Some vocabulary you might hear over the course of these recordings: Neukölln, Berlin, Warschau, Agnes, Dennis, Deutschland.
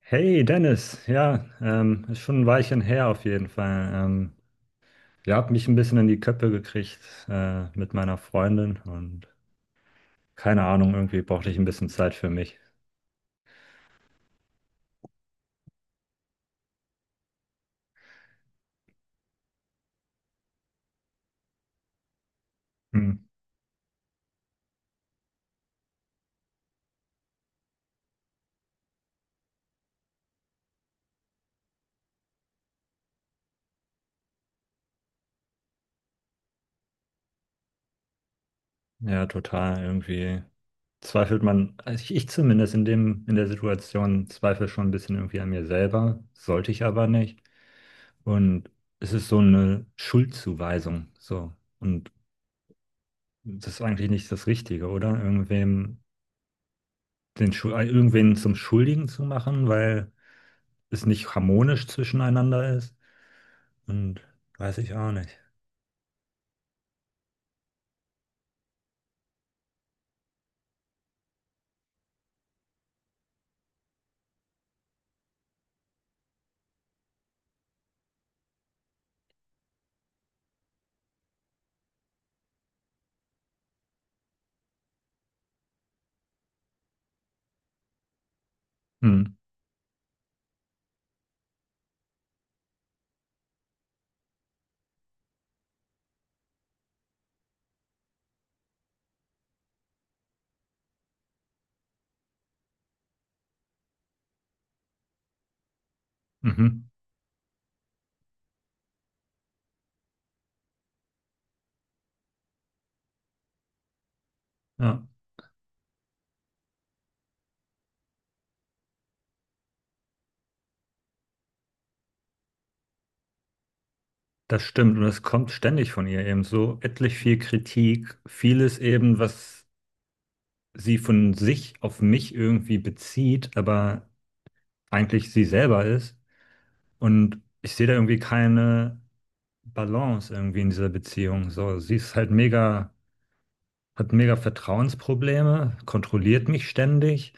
Hey Dennis, ja, ist schon ein Weilchen her auf jeden Fall. Ihr habt mich ein bisschen in die Köpfe gekriegt mit meiner Freundin und keine Ahnung, irgendwie brauchte ich ein bisschen Zeit für mich. Hm. Ja, total. Irgendwie zweifelt man, also ich zumindest in der Situation zweifle schon ein bisschen irgendwie an mir selber, sollte ich aber nicht. Und es ist so eine Schuldzuweisung, so. Und das ist eigentlich nicht das Richtige, oder? Irgendwem den Schul irgendwen zum Schuldigen zu machen, weil es nicht harmonisch zwischeneinander ist. Und weiß ich auch nicht. Hm. Mhm. Ja, das stimmt. Und es kommt ständig von ihr eben so etlich viel Kritik, vieles eben, was sie von sich auf mich irgendwie bezieht, aber eigentlich sie selber ist. Und ich sehe da irgendwie keine Balance irgendwie in dieser Beziehung. So, sie ist halt mega, hat mega Vertrauensprobleme, kontrolliert mich ständig.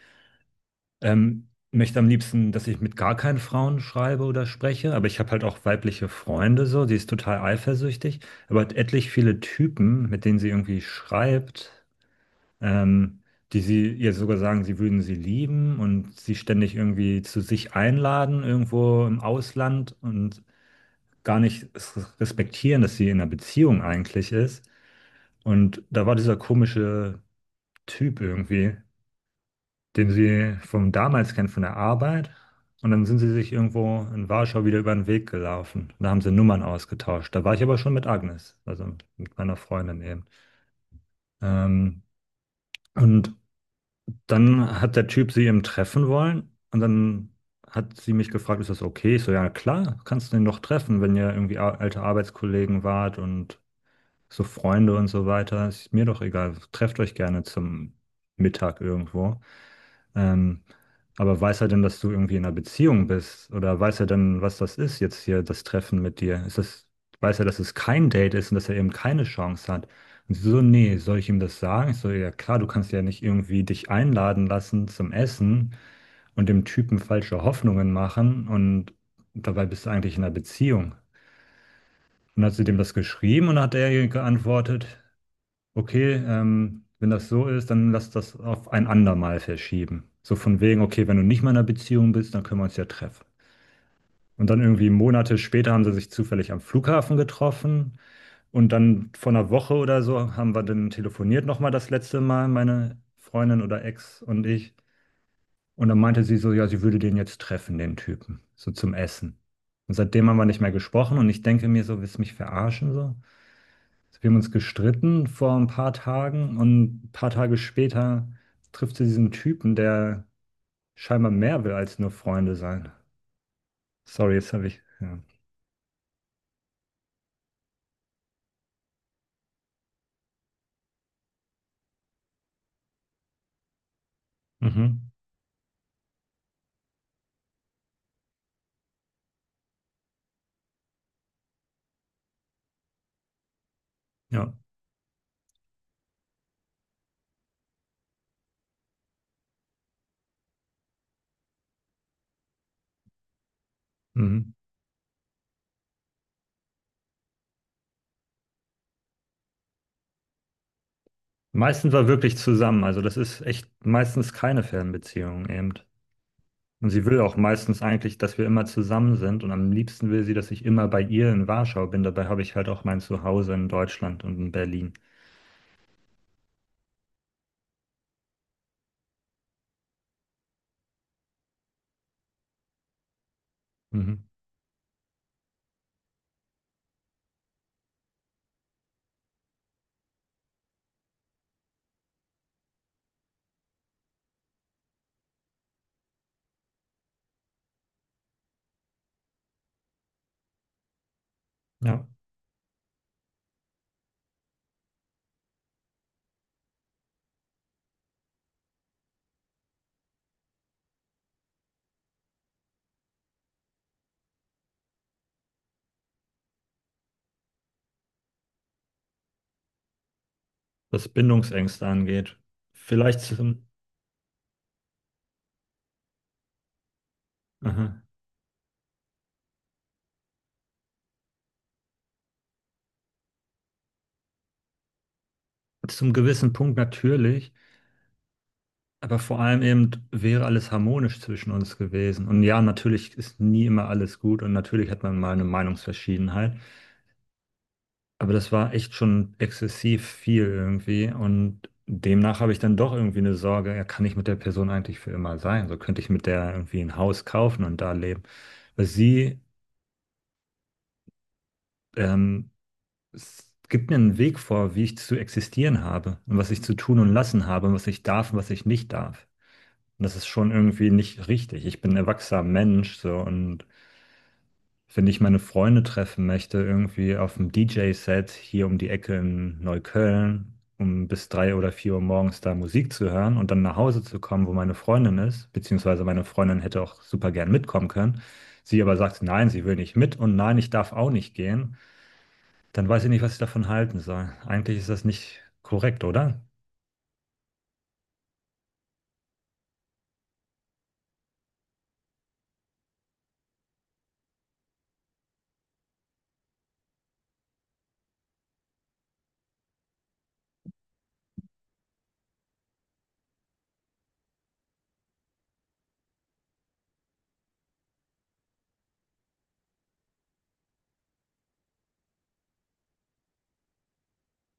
Möchte am liebsten, dass ich mit gar keinen Frauen schreibe oder spreche, aber ich habe halt auch weibliche Freunde so, die ist total eifersüchtig, aber hat etlich viele Typen, mit denen sie irgendwie schreibt, ähm, die sie ihr sogar sagen, sie würden sie lieben und sie ständig irgendwie zu sich einladen, irgendwo im Ausland und gar nicht respektieren, dass sie in einer Beziehung eigentlich ist. Und da war dieser komische Typ irgendwie, den sie vom damals kennen, von der Arbeit. Und dann sind sie sich irgendwo in Warschau wieder über den Weg gelaufen. Da haben sie Nummern ausgetauscht. Da war ich aber schon mit Agnes, also mit meiner Freundin eben. Ähm, und dann hat der Typ sie eben treffen wollen. Und dann hat sie mich gefragt, ist das okay? Ich so, ja klar, kannst du den doch treffen, wenn ihr irgendwie alte Arbeitskollegen wart und so Freunde und so weiter. Ist mir doch egal. Trefft euch gerne zum Mittag irgendwo. Ähm, aber weiß er denn, dass du irgendwie in einer Beziehung bist? Oder weiß er denn, was das ist jetzt hier, das Treffen mit dir? Weiß er, dass es kein Date ist und dass er eben keine Chance hat? Und sie so, nee, soll ich ihm das sagen? Ich so, ja klar, du kannst ja nicht irgendwie dich einladen lassen zum Essen und dem Typen falsche Hoffnungen machen und dabei bist du eigentlich in einer Beziehung. Und hat sie dem das geschrieben und hat er ihr geantwortet? Okay, wenn das so ist, dann lass das auf ein andermal verschieben. So von wegen, okay, wenn du nicht mehr in einer Beziehung bist, dann können wir uns ja treffen. Und dann irgendwie Monate später haben sie sich zufällig am Flughafen getroffen und dann vor einer Woche oder so haben wir dann telefoniert nochmal das letzte Mal, meine Freundin oder Ex und ich. Und dann meinte sie so, ja, sie würde den jetzt treffen, den Typen, so zum Essen. Und seitdem haben wir nicht mehr gesprochen und ich denke mir so, willst du mich verarschen so? Also wir haben uns gestritten vor ein paar Tagen und ein paar Tage später trifft sie diesen Typen, der scheinbar mehr will als nur Freunde sein. Sorry, jetzt habe ich. Ja. Mhm. Ja. Mhm. Meistens war wirklich zusammen, also das ist echt meistens keine Fernbeziehung eben. Und sie will auch meistens eigentlich, dass wir immer zusammen sind und am liebsten will sie, dass ich immer bei ihr in Warschau bin. Dabei habe ich halt auch mein Zuhause in Deutschland und in Berlin. Mhm. Ja. Was Bindungsängste angeht. Vielleicht zum. Aha. Zum gewissen Punkt natürlich, aber vor allem eben wäre alles harmonisch zwischen uns gewesen. Und ja, natürlich ist nie immer alles gut und natürlich hat man mal eine Meinungsverschiedenheit, aber das war echt schon exzessiv viel irgendwie und demnach habe ich dann doch irgendwie eine Sorge, ja, kann ich mit der Person eigentlich für immer sein? So könnte ich mit der irgendwie ein Haus kaufen und da leben. Weil sie ähm, es gibt mir einen Weg vor, wie ich zu existieren habe und was ich zu tun und lassen habe und was ich darf und was ich nicht darf. Und das ist schon irgendwie nicht richtig. Ich bin ein erwachsener Mensch, so und wenn ich meine Freunde treffen möchte, irgendwie auf dem DJ-Set hier um die Ecke in Neukölln, um bis drei oder vier Uhr morgens da Musik zu hören und dann nach Hause zu kommen, wo meine Freundin ist, beziehungsweise meine Freundin hätte auch super gern mitkommen können. Sie aber sagt, nein, sie will nicht mit und nein, ich darf auch nicht gehen, dann weiß ich nicht, was ich davon halten soll. Eigentlich ist das nicht korrekt, oder?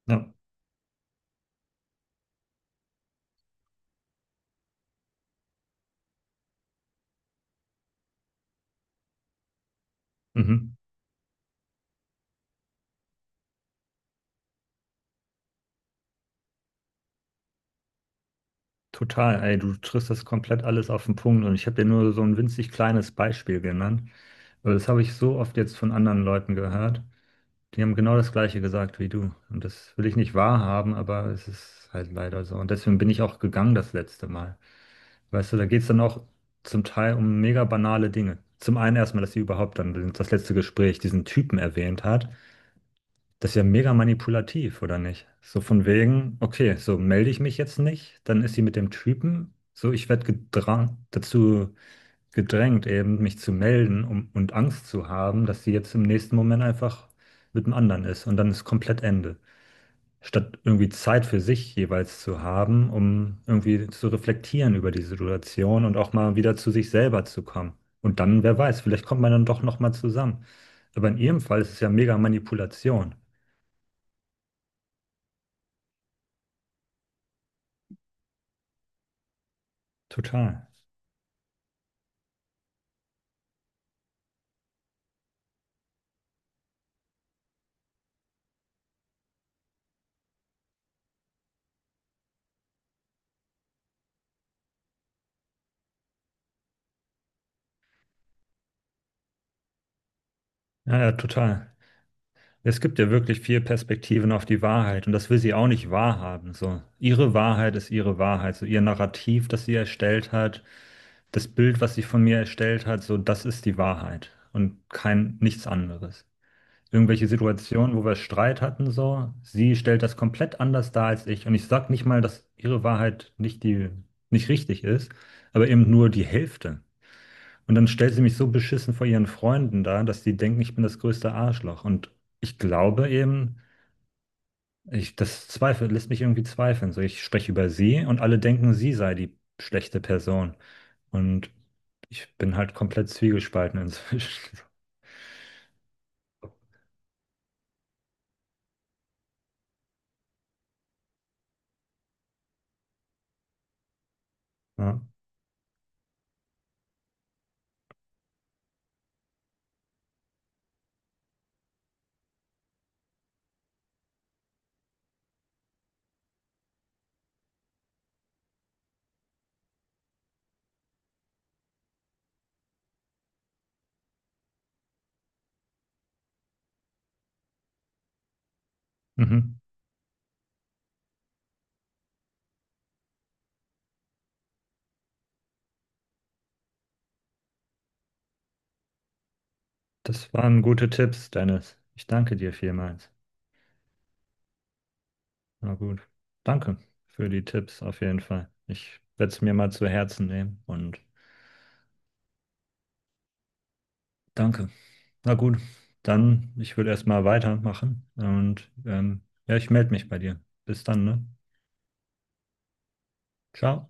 Ja. Mhm. Total, ey, du triffst das komplett alles auf den Punkt und ich habe dir nur so ein winzig kleines Beispiel genannt. Aber das habe ich so oft jetzt von anderen Leuten gehört. Die haben genau das Gleiche gesagt wie du. Und das will ich nicht wahrhaben, aber es ist halt leider so. Und deswegen bin ich auch gegangen das letzte Mal. Weißt du, da geht es dann auch zum Teil um mega banale Dinge. Zum einen erstmal, dass sie überhaupt dann das letzte Gespräch diesen Typen erwähnt hat. Das ist ja mega manipulativ, oder nicht? So von wegen, okay, so melde ich mich jetzt nicht, dann ist sie mit dem Typen, so ich werde gedrang, dazu gedrängt, eben mich zu melden um, und Angst zu haben, dass sie jetzt im nächsten Moment einfach mit dem anderen ist und dann ist komplett Ende. Statt irgendwie Zeit für sich jeweils zu haben, um irgendwie zu reflektieren über die Situation und auch mal wieder zu sich selber zu kommen. Und dann, wer weiß, vielleicht kommt man dann doch nochmal zusammen. Aber in ihrem Fall ist es ja mega Manipulation. Total. Ja, ja, total. Es gibt ja wirklich viel Perspektiven auf die Wahrheit und das will sie auch nicht wahrhaben. So, ihre Wahrheit ist ihre Wahrheit. So, ihr Narrativ, das sie erstellt hat, das Bild, was sie von mir erstellt hat, so, das ist die Wahrheit und kein nichts anderes. Irgendwelche Situationen, wo wir Streit hatten, so, sie stellt das komplett anders dar als ich und ich sag nicht mal, dass ihre Wahrheit nicht richtig ist, aber eben nur die Hälfte. Und dann stellt sie mich so beschissen vor ihren Freunden dar, dass die denken, ich bin das größte Arschloch. Und ich glaube eben, das zweifelt, lässt mich irgendwie zweifeln. So, ich spreche über sie und alle denken, sie sei die schlechte Person. Und ich bin halt komplett zwiegespalten inzwischen. Ja. Mhm. Das waren gute Tipps, Dennis. Ich danke dir vielmals. Na gut. Danke für die Tipps auf jeden Fall. Ich werde es mir mal zu Herzen nehmen und danke. Na gut, dann ich würde erstmal weitermachen und ja, ich melde mich bei dir. Bis dann, ne? Ciao.